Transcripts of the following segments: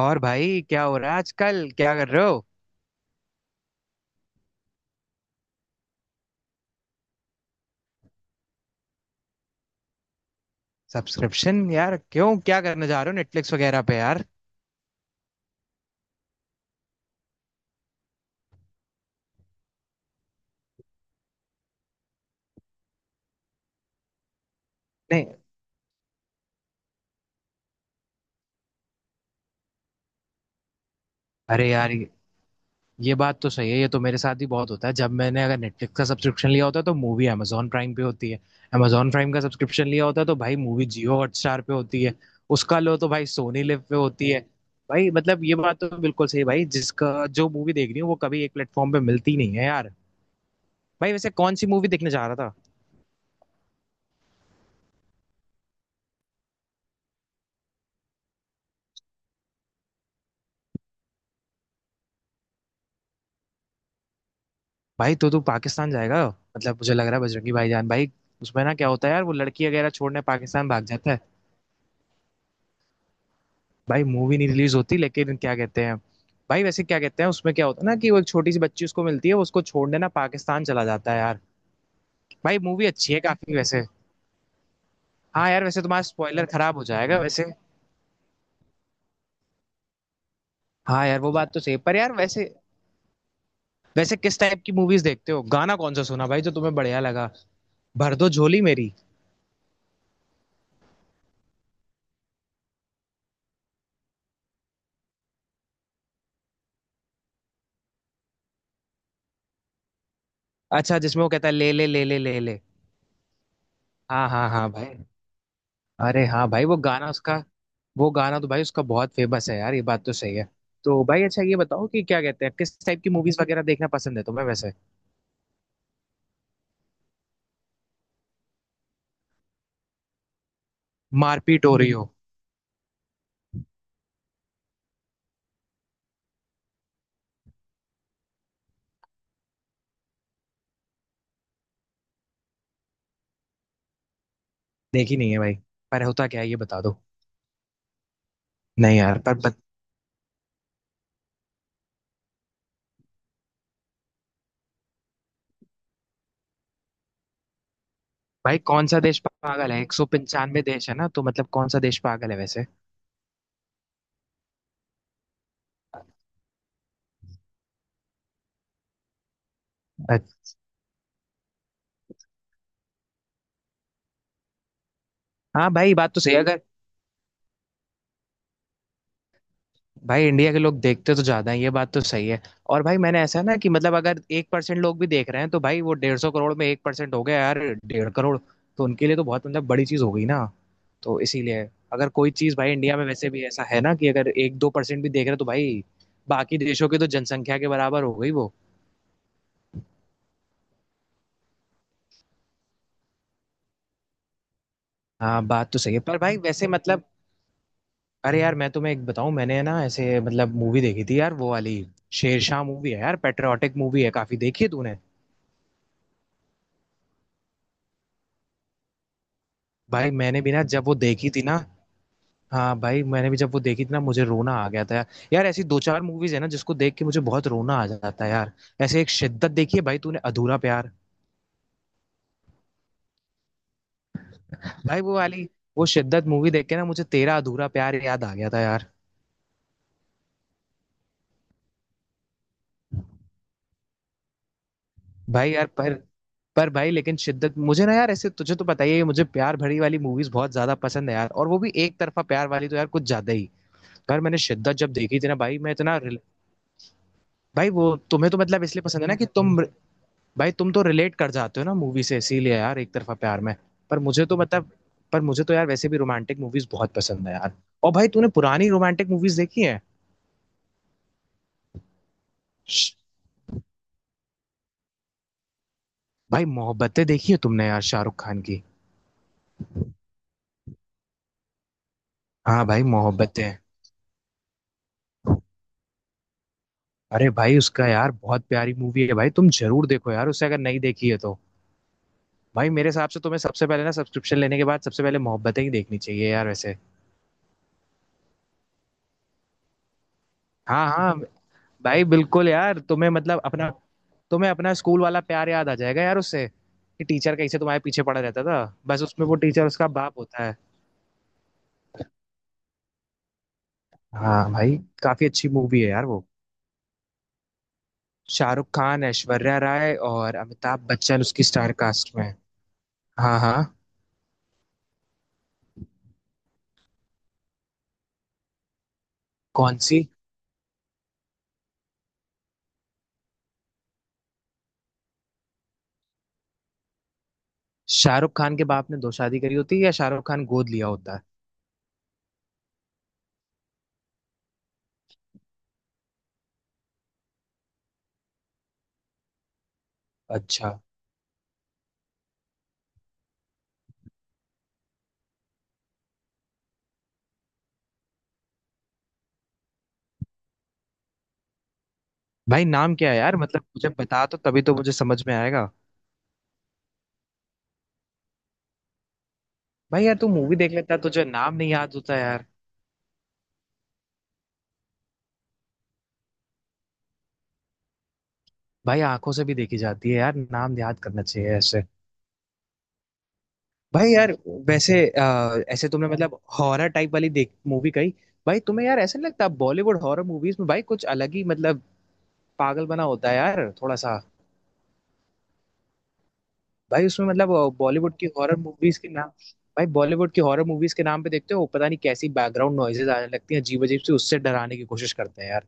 और भाई क्या हो रहा है आजकल क्या कर रहे हो। सब्सक्रिप्शन यार क्यों क्या करने जा रहे हो नेटफ्लिक्स वगैरह पे यार। नहीं। अरे यार ये बात तो सही है। ये तो मेरे साथ भी बहुत होता है, जब मैंने अगर नेटफ्लिक्स का सब्सक्रिप्शन लिया होता है तो मूवी amazon प्राइम पे होती है। amazon प्राइम का सब्सक्रिप्शन लिया होता है तो भाई मूवी जियो हॉटस्टार पे होती है। उसका लो तो भाई सोनी लिव पे होती है। भाई मतलब ये बात तो बिल्कुल सही है, भाई जिसका जो मूवी देखनी हो वो कभी एक प्लेटफॉर्म पे मिलती नहीं है यार। भाई वैसे कौन सी मूवी देखने जा रहा था। भाई तो तू पाकिस्तान जाएगा, मतलब मुझे लग रहा है बजरंगी भाईजान भाई। उसमें ना क्या होता है यार, वो लड़की वगैरह छोड़ने पाकिस्तान भाग जाता है। भाई मूवी नहीं रिलीज होती, लेकिन क्या कहते हैं, भाई वैसे क्या कहते हैं उसमें क्या होता है ना कि वो एक छोटी सी बच्ची उसको मिलती है, वो उसको छोड़ने ना पाकिस्तान चला जाता है यार। भाई मूवी अच्छी है काफी वैसे। हाँ यार वैसे तुम्हारा स्पॉइलर खराब हो जाएगा वैसे। हाँ यार वो बात तो सही, पर यार वैसे वैसे किस टाइप की मूवीज देखते हो, गाना कौन सा सुना भाई जो तुम्हें बढ़िया लगा। भर दो झोली मेरी। अच्छा जिसमें वो कहता है ले ले ले ले ले ले। हाँ हाँ हाँ भाई। अरे हाँ भाई वो गाना उसका, वो गाना तो भाई उसका बहुत फेमस है यार, ये बात तो सही है। तो भाई अच्छा ये बताओ कि क्या कहते हैं किस टाइप की मूवीज वगैरह देखना पसंद है तुम्हें वैसे। मारपीट हो रही हो। देखी नहीं है भाई, पर होता क्या है ये बता दो। नहीं यार पर भाई कौन सा देश पागल है, 195 देश है ना, तो मतलब कौन सा देश पागल है वैसे। अच्छा। हाँ भाई बात तो सही है, अगर भाई इंडिया के लोग देखते तो ज्यादा है, ये बात तो सही है। और भाई मैंने ऐसा है ना कि मतलब अगर 1% लोग भी देख रहे हैं तो भाई वो 150 करोड़ में 1% हो गया यार, 1.5 करोड़। तो उनके लिए तो बहुत मतलब बड़ी चीज हो गई ना। तो इसीलिए अगर कोई चीज भाई इंडिया में वैसे भी ऐसा है ना कि अगर 1-2% भी देख रहे हैं तो भाई बाकी देशों की तो जनसंख्या के बराबर हो गई वो। हाँ बात तो सही है, पर भाई वैसे मतलब अरे यार मैं तुम्हें एक बताऊं, मैंने है ना ऐसे मतलब मूवी देखी थी यार वो वाली शेरशाह मूवी है यार, पेट्रियाटिक मूवी है, काफी देखी है तूने। भाई मैंने भी ना जब वो देखी थी ना, हाँ भाई मैंने भी जब वो देखी थी ना मुझे रोना आ गया था यार। यार ऐसी दो चार मूवीज है ना जिसको देख के मुझे बहुत रोना आ जाता है यार, ऐसे एक शिद्दत देखी है भाई तूने अधूरा प्यार। भाई वो वाली वो शिद्दत मूवी देख के ना मुझे तेरा अधूरा प्यार याद आ गया था यार। भाई यार पर भाई लेकिन शिद्दत मुझे ना यार, ऐसे तुझे तो पता ही है मुझे प्यार भरी वाली मूवीज बहुत ज्यादा पसंद है यार, और वो भी एक तरफा प्यार वाली तो यार कुछ ज्यादा ही। पर मैंने शिद्दत जब देखी थी ना भाई मैं इतना भाई वो तुम्हें तो मतलब इसलिए पसंद है ना कि तुम भाई तुम तो रिलेट कर जाते हो ना मूवी से, इसीलिए यार एक तरफा प्यार में। पर मुझे तो मतलब पर मुझे तो यार वैसे भी रोमांटिक मूवीज बहुत पसंद है यार। और भाई तूने पुरानी रोमांटिक मूवीज देखी है। भाई मोहब्बतें देखी है तुमने यार, शाहरुख खान की। हाँ भाई मोहब्बतें, अरे भाई उसका यार बहुत प्यारी मूवी है भाई, तुम जरूर देखो यार उसे अगर नहीं देखी है तो। भाई मेरे हिसाब से तुम्हें सबसे पहले ना सब्सक्रिप्शन लेने के बाद सबसे पहले मोहब्बतें ही देखनी चाहिए यार वैसे। हाँ हाँ भाई बिल्कुल यार, तुम्हें मतलब अपना तुम्हें अपना स्कूल वाला प्यार याद आ जाएगा यार उससे, कि टीचर कैसे तुम्हारे पीछे पड़ा रहता था, बस उसमें वो टीचर उसका बाप होता है। हाँ भाई काफी अच्छी मूवी है यार वो। शाहरुख खान, ऐश्वर्या राय और अमिताभ बच्चन उसकी स्टार कास्ट में है। हाँ हाँ, कौन सी? शाहरुख खान के बाप ने दो शादी करी होती है या शाहरुख खान गोद लिया होता है। अच्छा भाई नाम क्या है यार, मतलब मुझे बता तो तभी तो मुझे समझ में आएगा। भाई यार तू मूवी देख लेता तुझे नाम नहीं याद होता यार। भाई आंखों से भी देखी जाती है यार, नाम याद करना चाहिए ऐसे। भाई यार वैसे ऐसे तुमने मतलब हॉरर टाइप वाली देख मूवी कही। भाई तुम्हें यार ऐसा नहीं लगता बॉलीवुड हॉरर मूवीज में भाई कुछ अलग ही मतलब पागल बना होता है यार थोड़ा सा। भाई उसमें मतलब बॉलीवुड की हॉरर मूवीज के नाम, भाई बॉलीवुड की हॉरर मूवीज के नाम पे देखते हो पता नहीं कैसी बैकग्राउंड नॉइजेज आने लगती हैं अजीब अजीब सी, उससे डराने की कोशिश करते हैं यार।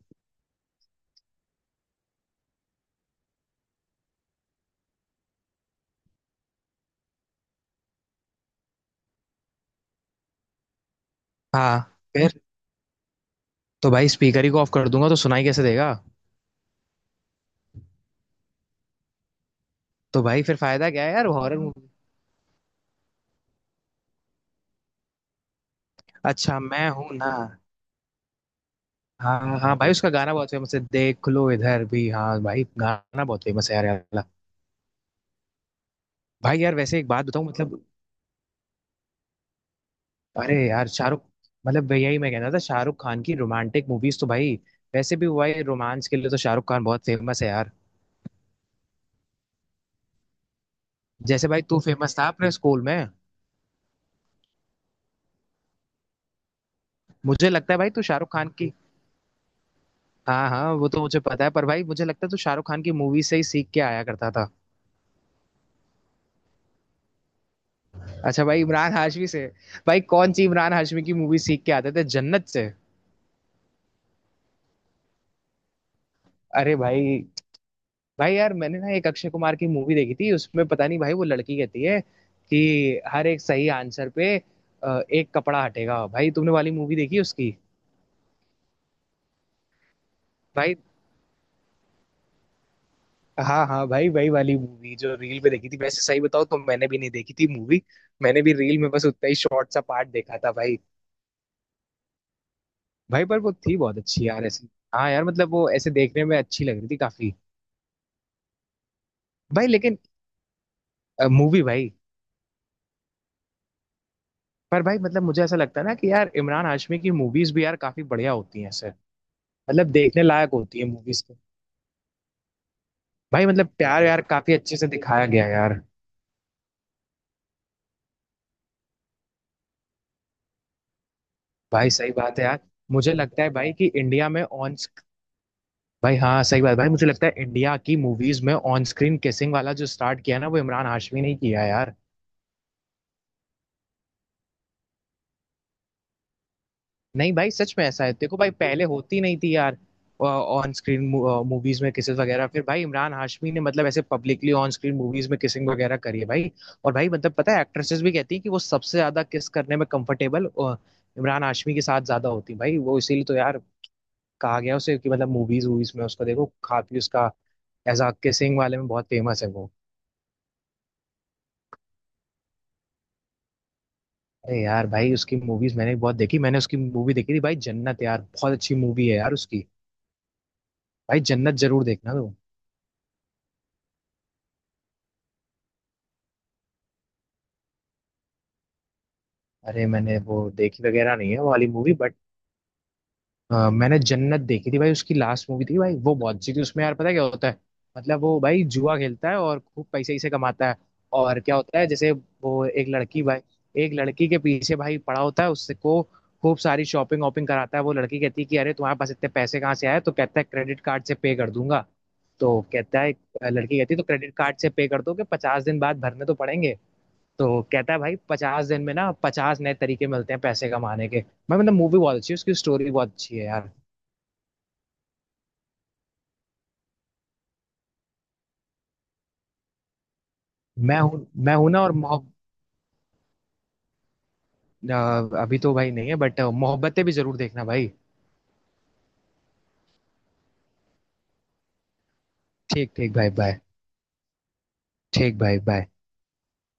हाँ, फिर तो भाई स्पीकर ही को ऑफ कर दूंगा तो सुनाई कैसे देगा। तो भाई फिर फायदा क्या है यार हॉरर मूवी। अच्छा मैं हूं ना। हाँ हाँ भाई उसका गाना बहुत फेमस है देख लो इधर भी, हाँ भाई गाना बहुत फेमस है यार ये वाला। भाई यार वैसे एक बात बताऊँ मतलब अरे यार शाहरुख, मतलब यही मैं कहना था शाहरुख खान की रोमांटिक मूवीज तो भाई वैसे भी हुआ है, रोमांस के लिए तो शाहरुख खान बहुत फेमस है यार, जैसे भाई तू फेमस था अपने स्कूल में। मुझे लगता है भाई तू शाहरुख खान की, हाँ हाँ वो तो मुझे पता है पर भाई मुझे लगता है तू शाहरुख खान की मूवी से ही सीख के आया करता था। अच्छा भाई इमरान हाशमी से, भाई कौन सी इमरान हाशमी की मूवी सीख के आते थे, जन्नत से। अरे भाई भाई यार मैंने ना एक अक्षय कुमार की मूवी देखी थी उसमें पता नहीं भाई वो लड़की कहती है कि हर एक सही आंसर पे एक कपड़ा हटेगा, भाई तुमने वाली मूवी देखी उसकी। भाई हाँ हाँ भाई वही वाली मूवी जो रील पे देखी थी वैसे, सही बताओ तो मैंने भी नहीं देखी थी मूवी, मैंने भी रील में बस उतना ही शॉर्ट सा पार्ट देखा था भाई। भाई पर वो थी बहुत अच्छी यार ऐसी, हाँ यार मतलब वो ऐसे देखने में अच्छी लग रही थी काफी। भाई लेकिन मूवी भाई, पर भाई मतलब मुझे ऐसा लगता है ना कि यार इमरान हाशमी की मूवीज भी यार काफी बढ़िया होती हैं ऐसे, मतलब देखने लायक होती है मूवीज को। भाई मतलब प्यार यार काफी अच्छे से दिखाया गया यार। भाई सही बात है यार, मुझे लगता है भाई कि इंडिया में ऑन, भाई हाँ सही बात, भाई मुझे लगता है इंडिया की मूवीज में ऑन स्क्रीन किसिंग वाला जो स्टार्ट किया ना वो इमरान हाशमी ने ही किया यार। नहीं भाई सच में ऐसा है देखो भाई पहले होती नहीं थी यार ऑन स्क्रीन मूवीज में किसेस वगैरह, फिर भाई इमरान हाशमी ने मतलब ऐसे पब्लिकली ऑन स्क्रीन मूवीज में किसिंग वगैरह करी है भाई। और भाई मतलब पता है एक्ट्रेसेस भी कहती हैं कि वो सबसे ज्यादा किस करने में कंफर्टेबल इमरान हाशमी के साथ ज्यादा होती हैं भाई, वो इसीलिए तो यार कहा गया उसे कि मतलब मूवीज वूवीज में उसको देखो काफी उसका एज अ किसिंग वाले में बहुत फेमस है वो। अरे यार भाई उसकी मूवीज मैंने बहुत देखी, मैंने उसकी मूवी देखी थी भाई जन्नत, यार बहुत अच्छी मूवी है यार उसकी। भाई जन्नत जरूर देखना तुम। अरे मैंने वो देखी वगैरह नहीं है वो वाली मूवी बट मैंने जन्नत देखी थी भाई, उसकी लास्ट मूवी थी भाई वो, बहुत अच्छी थी उसमें यार, पता है क्या होता है? मतलब वो भाई जुआ खेलता है और खूब पैसे इसे कमाता है, और क्या होता है जैसे वो एक लड़की भाई एक लड़की के पीछे भाई पड़ा होता है उससे को खूब सारी शॉपिंग वॉपिंग कराता है। वो लड़की कहती है कि अरे तुम्हारे पास इतने पैसे कहाँ से आए, तो कहता है क्रेडिट कार्ड से पे कर दूंगा। तो कहता है, लड़की कहती है तो क्रेडिट कार्ड से पे कर दो कि 50 दिन बाद भरने तो पड़ेंगे। तो कहता है भाई 50 दिन में ना 50 नए तरीके मिलते हैं पैसे कमाने के। मैं मतलब मूवी बहुत अच्छी है उसकी, स्टोरी बहुत अच्छी है यार। मैं हूँ मैं हूं ना और अ, अभी तो भाई नहीं है बट मोहब्बतें भी जरूर देखना भाई। ठीक ठीक भाई बाय। ठीक भाई बाय।